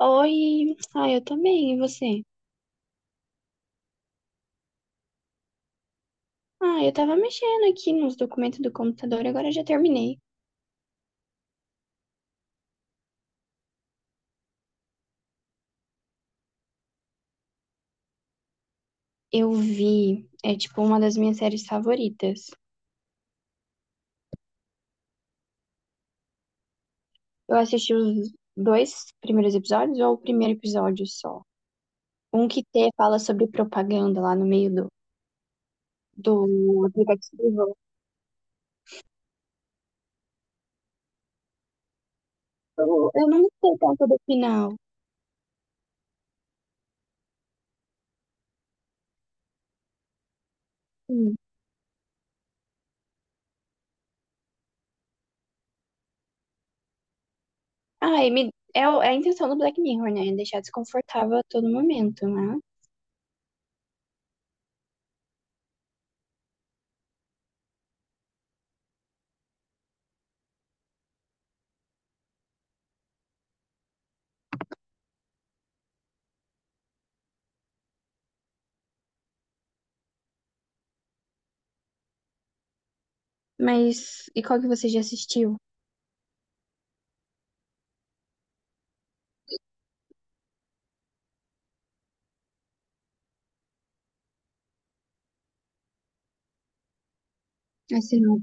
Oi, eu tô bem, e você? Ah, eu tava mexendo aqui nos documentos do computador, agora já terminei. Eu vi, é tipo uma das minhas séries favoritas. Eu assisti os dois primeiros episódios ou o primeiro episódio só? Um que te fala sobre propaganda lá no meio do aplicativo. Eu não gostei tanto do final. Hum. Ah, é a intenção do Black Mirror, né? Deixar desconfortável a todo momento, né? Mas, e qual que você já assistiu? Assim, não.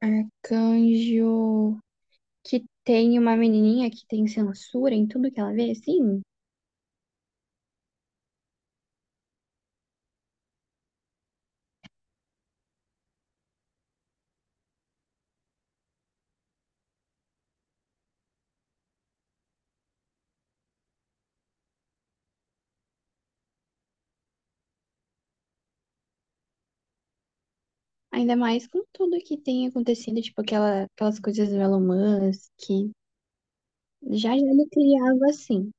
Arcanjo que tem uma menininha que tem censura em tudo que ela vê, sim. Ainda mais com tudo que tem acontecido, tipo aquelas coisas do Elon Musk, que já já ele criava assim.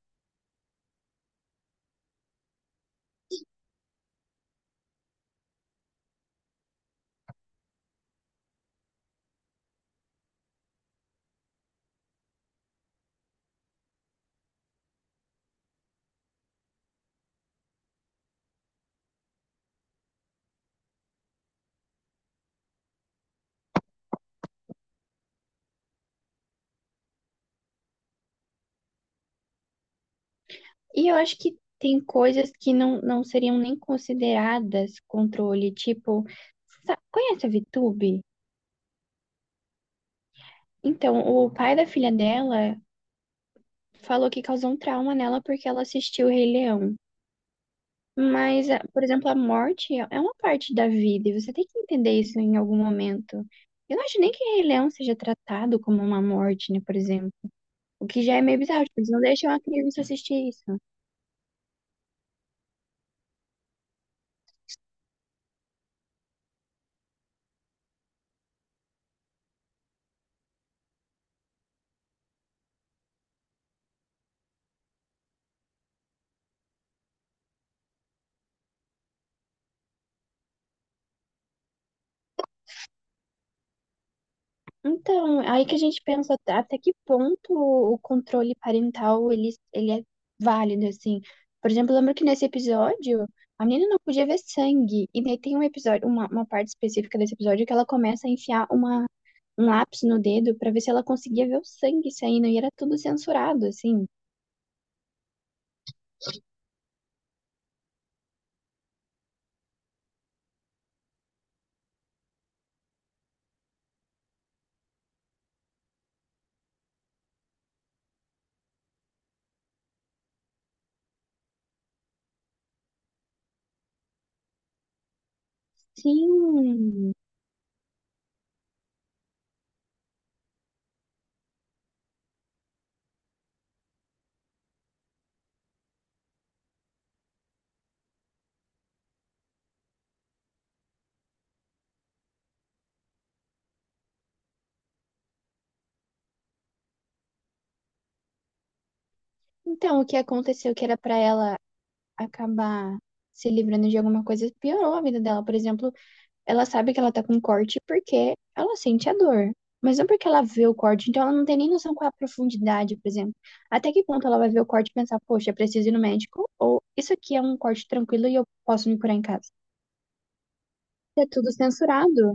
E eu acho que tem coisas que não seriam nem consideradas controle, tipo, conhece a VTube? Então, o pai da filha dela falou que causou um trauma nela porque ela assistiu o Rei Leão. Mas, por exemplo, a morte é uma parte da vida e você tem que entender isso em algum momento. Eu não acho nem que Rei Leão seja tratado como uma morte, né, por exemplo. O que já é meio bizarro, tipo, eles não deixam a criança assistir isso. Então, aí que a gente pensa até que ponto o controle parental ele é válido, assim. Por exemplo, eu lembro que nesse episódio a menina não podia ver sangue. E daí tem um episódio, uma parte específica desse episódio que ela começa a enfiar uma um lápis no dedo pra ver se ela conseguia ver o sangue saindo e era tudo censurado, assim. Sim. Então, o que aconteceu que era pra ela acabar se livrando de alguma coisa piorou a vida dela. Por exemplo, ela sabe que ela tá com corte porque ela sente a dor. Mas não porque ela vê o corte, então ela não tem nem noção qual é a profundidade, por exemplo. Até que ponto ela vai ver o corte e pensar, poxa, preciso ir no médico? Ou isso aqui é um corte tranquilo e eu posso me curar em casa? É tudo censurado.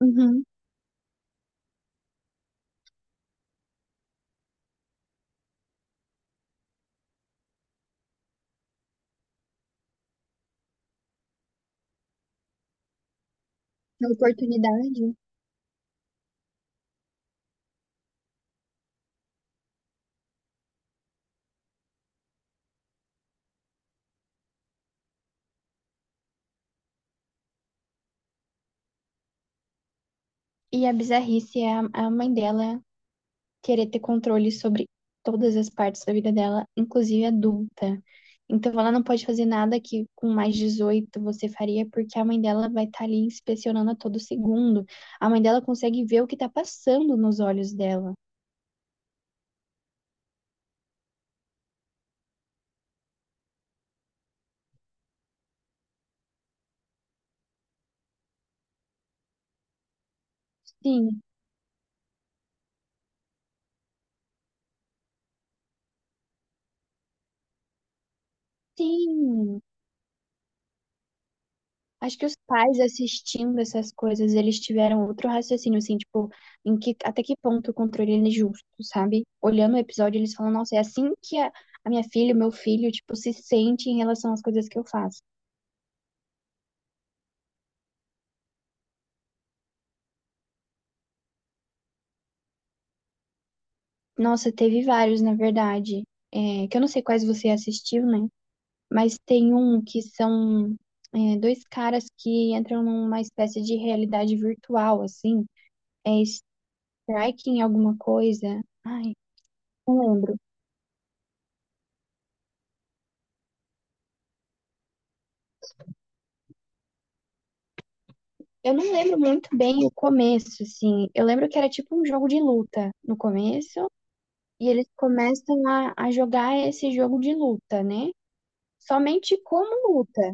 Uhum. A oportunidade. E a bizarrice é é a mãe dela querer ter controle sobre todas as partes da vida dela, inclusive adulta. Então ela não pode fazer nada que com mais 18 você faria, porque a mãe dela vai estar ali inspecionando a todo segundo. A mãe dela consegue ver o que está passando nos olhos dela. Sim, sim. Acho que os pais assistindo essas coisas, eles tiveram outro raciocínio, assim, tipo, em que, até que ponto o controle ele é justo, sabe? Olhando o episódio, eles falam, nossa, é assim que a minha filha, o meu filho, tipo, se sente em relação às coisas que eu faço. Nossa, teve vários, na verdade, que eu não sei quais você assistiu, né? Mas tem um que dois caras que entram numa espécie de realidade virtual, assim, é striking alguma coisa, ai, não lembro. Eu não lembro muito bem o começo, assim. Eu lembro que era tipo um jogo de luta no começo, e eles começam a jogar esse jogo de luta, né? Somente como luta.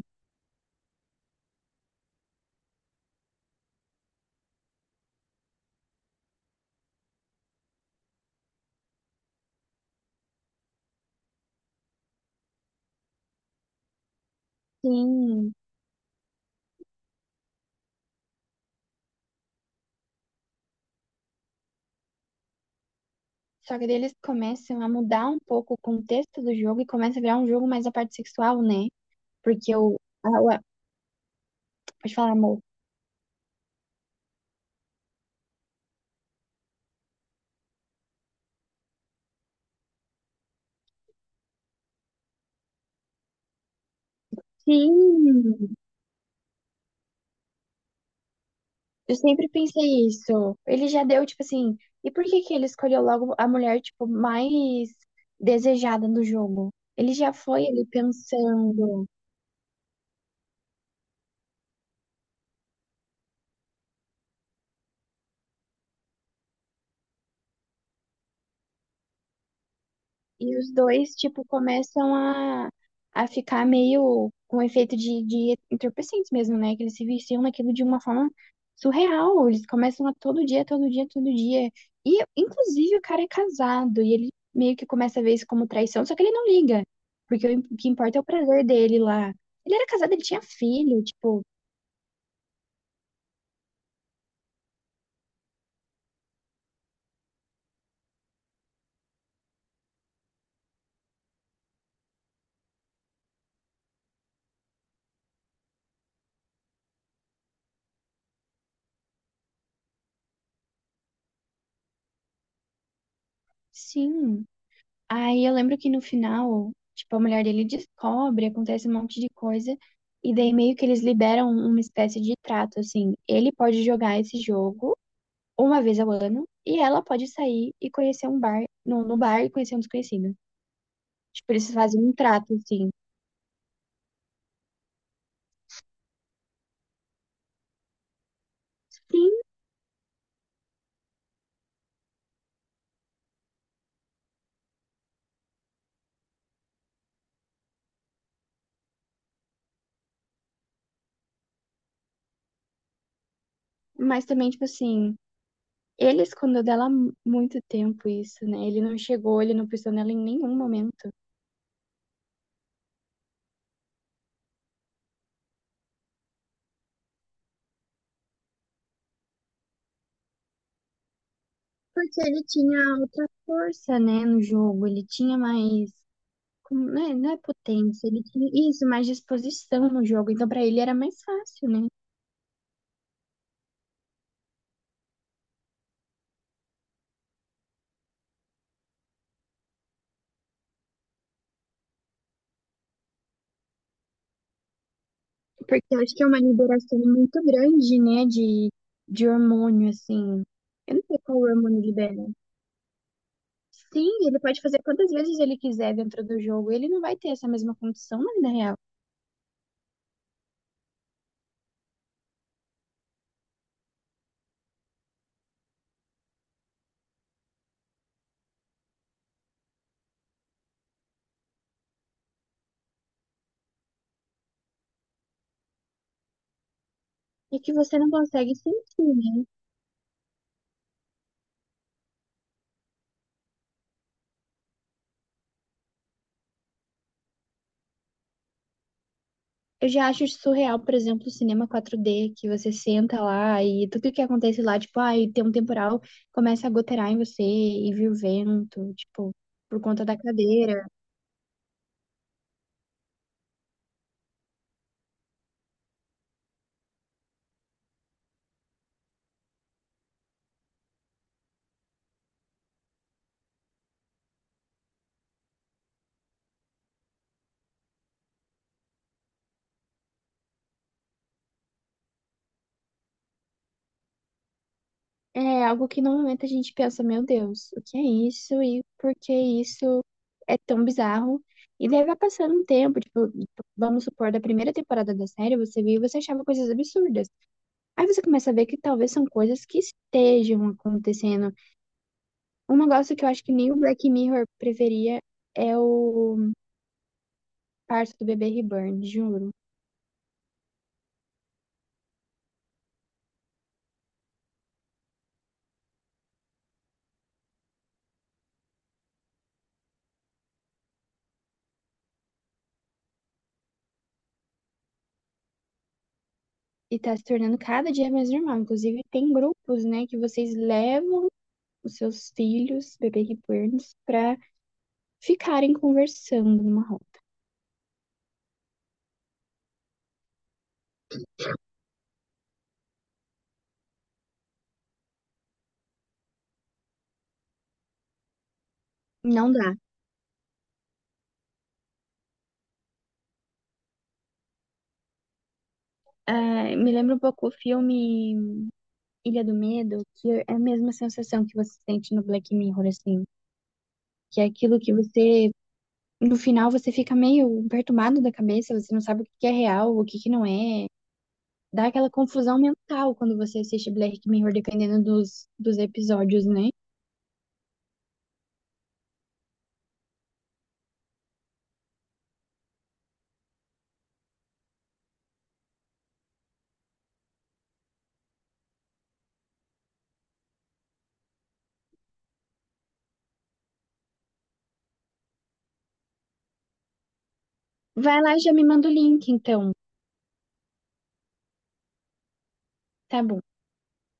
Sim. Só que daí eles começam a mudar um pouco o contexto do jogo e começa a virar um jogo mais a parte sexual, né? Porque o. a- o- Pode falar, amor. Sim! Eu sempre pensei isso. Ele já deu, tipo assim, e por que que ele escolheu logo a mulher, tipo, mais desejada no jogo? Ele já foi ali pensando. E os dois, tipo, começam a ficar meio com efeito de entorpecentes mesmo, né? Que eles se viciam naquilo de uma forma surreal. Eles começam a todo dia, todo dia, todo dia. E, inclusive, o cara é casado e ele meio que começa a ver isso como traição, só que ele não liga. Porque o que importa é o prazer dele lá. Ele era casado, ele tinha filho, tipo, sim. Aí eu lembro que no final, tipo, a mulher dele descobre, acontece um monte de coisa, e daí meio que eles liberam uma espécie de trato, assim, ele pode jogar esse jogo uma vez ao ano, e ela pode sair e conhecer um bar, no bar e conhecer um desconhecido. Tipo, eles fazem um trato, assim. Sim, mas também, tipo assim, ele escondeu dela há muito tempo isso, né? Ele não chegou, ele não pensou nela em nenhum momento. Porque ele tinha outra força, né, no jogo, ele tinha mais não é, não é potência, ele tinha isso, mais disposição no jogo. Então, pra ele era mais fácil, né? Porque eu acho que é uma liberação muito grande, né, de hormônio, assim. Eu não sei qual hormônio libera. Sim, ele pode fazer quantas vezes ele quiser dentro do jogo, ele não vai ter essa mesma condição na vida real. E que você não consegue sentir, né? Eu já acho surreal, por exemplo, o cinema 4D, que você senta lá e tudo que acontece lá, tipo, ai, tem um temporal, começa a gotear em você e vira o vento, tipo, por conta da cadeira. É algo que no momento a gente pensa, meu Deus, o que é isso e por que isso é tão bizarro? E daí vai passando um tempo, tipo, vamos supor, da primeira temporada da série, você viu e você achava coisas absurdas. Aí você começa a ver que talvez são coisas que estejam acontecendo. Um negócio que eu acho que nem o Black Mirror preferia é o parto do bebê reborn, juro. E tá se tornando cada dia mais normal. Inclusive, tem grupos, né, que vocês levam os seus filhos, bebê reborns, pra ficarem conversando numa roda. Não dá. Ah, me lembra um pouco o filme Ilha do Medo, que é a mesma sensação que você sente no Black Mirror, assim. Que é aquilo que você, no final, você fica meio perturbado da cabeça, você não sabe o que que é real, o que que não é. Dá aquela confusão mental quando você assiste Black Mirror, dependendo dos episódios, né? Vai lá e já me manda o link, então. Tá bom.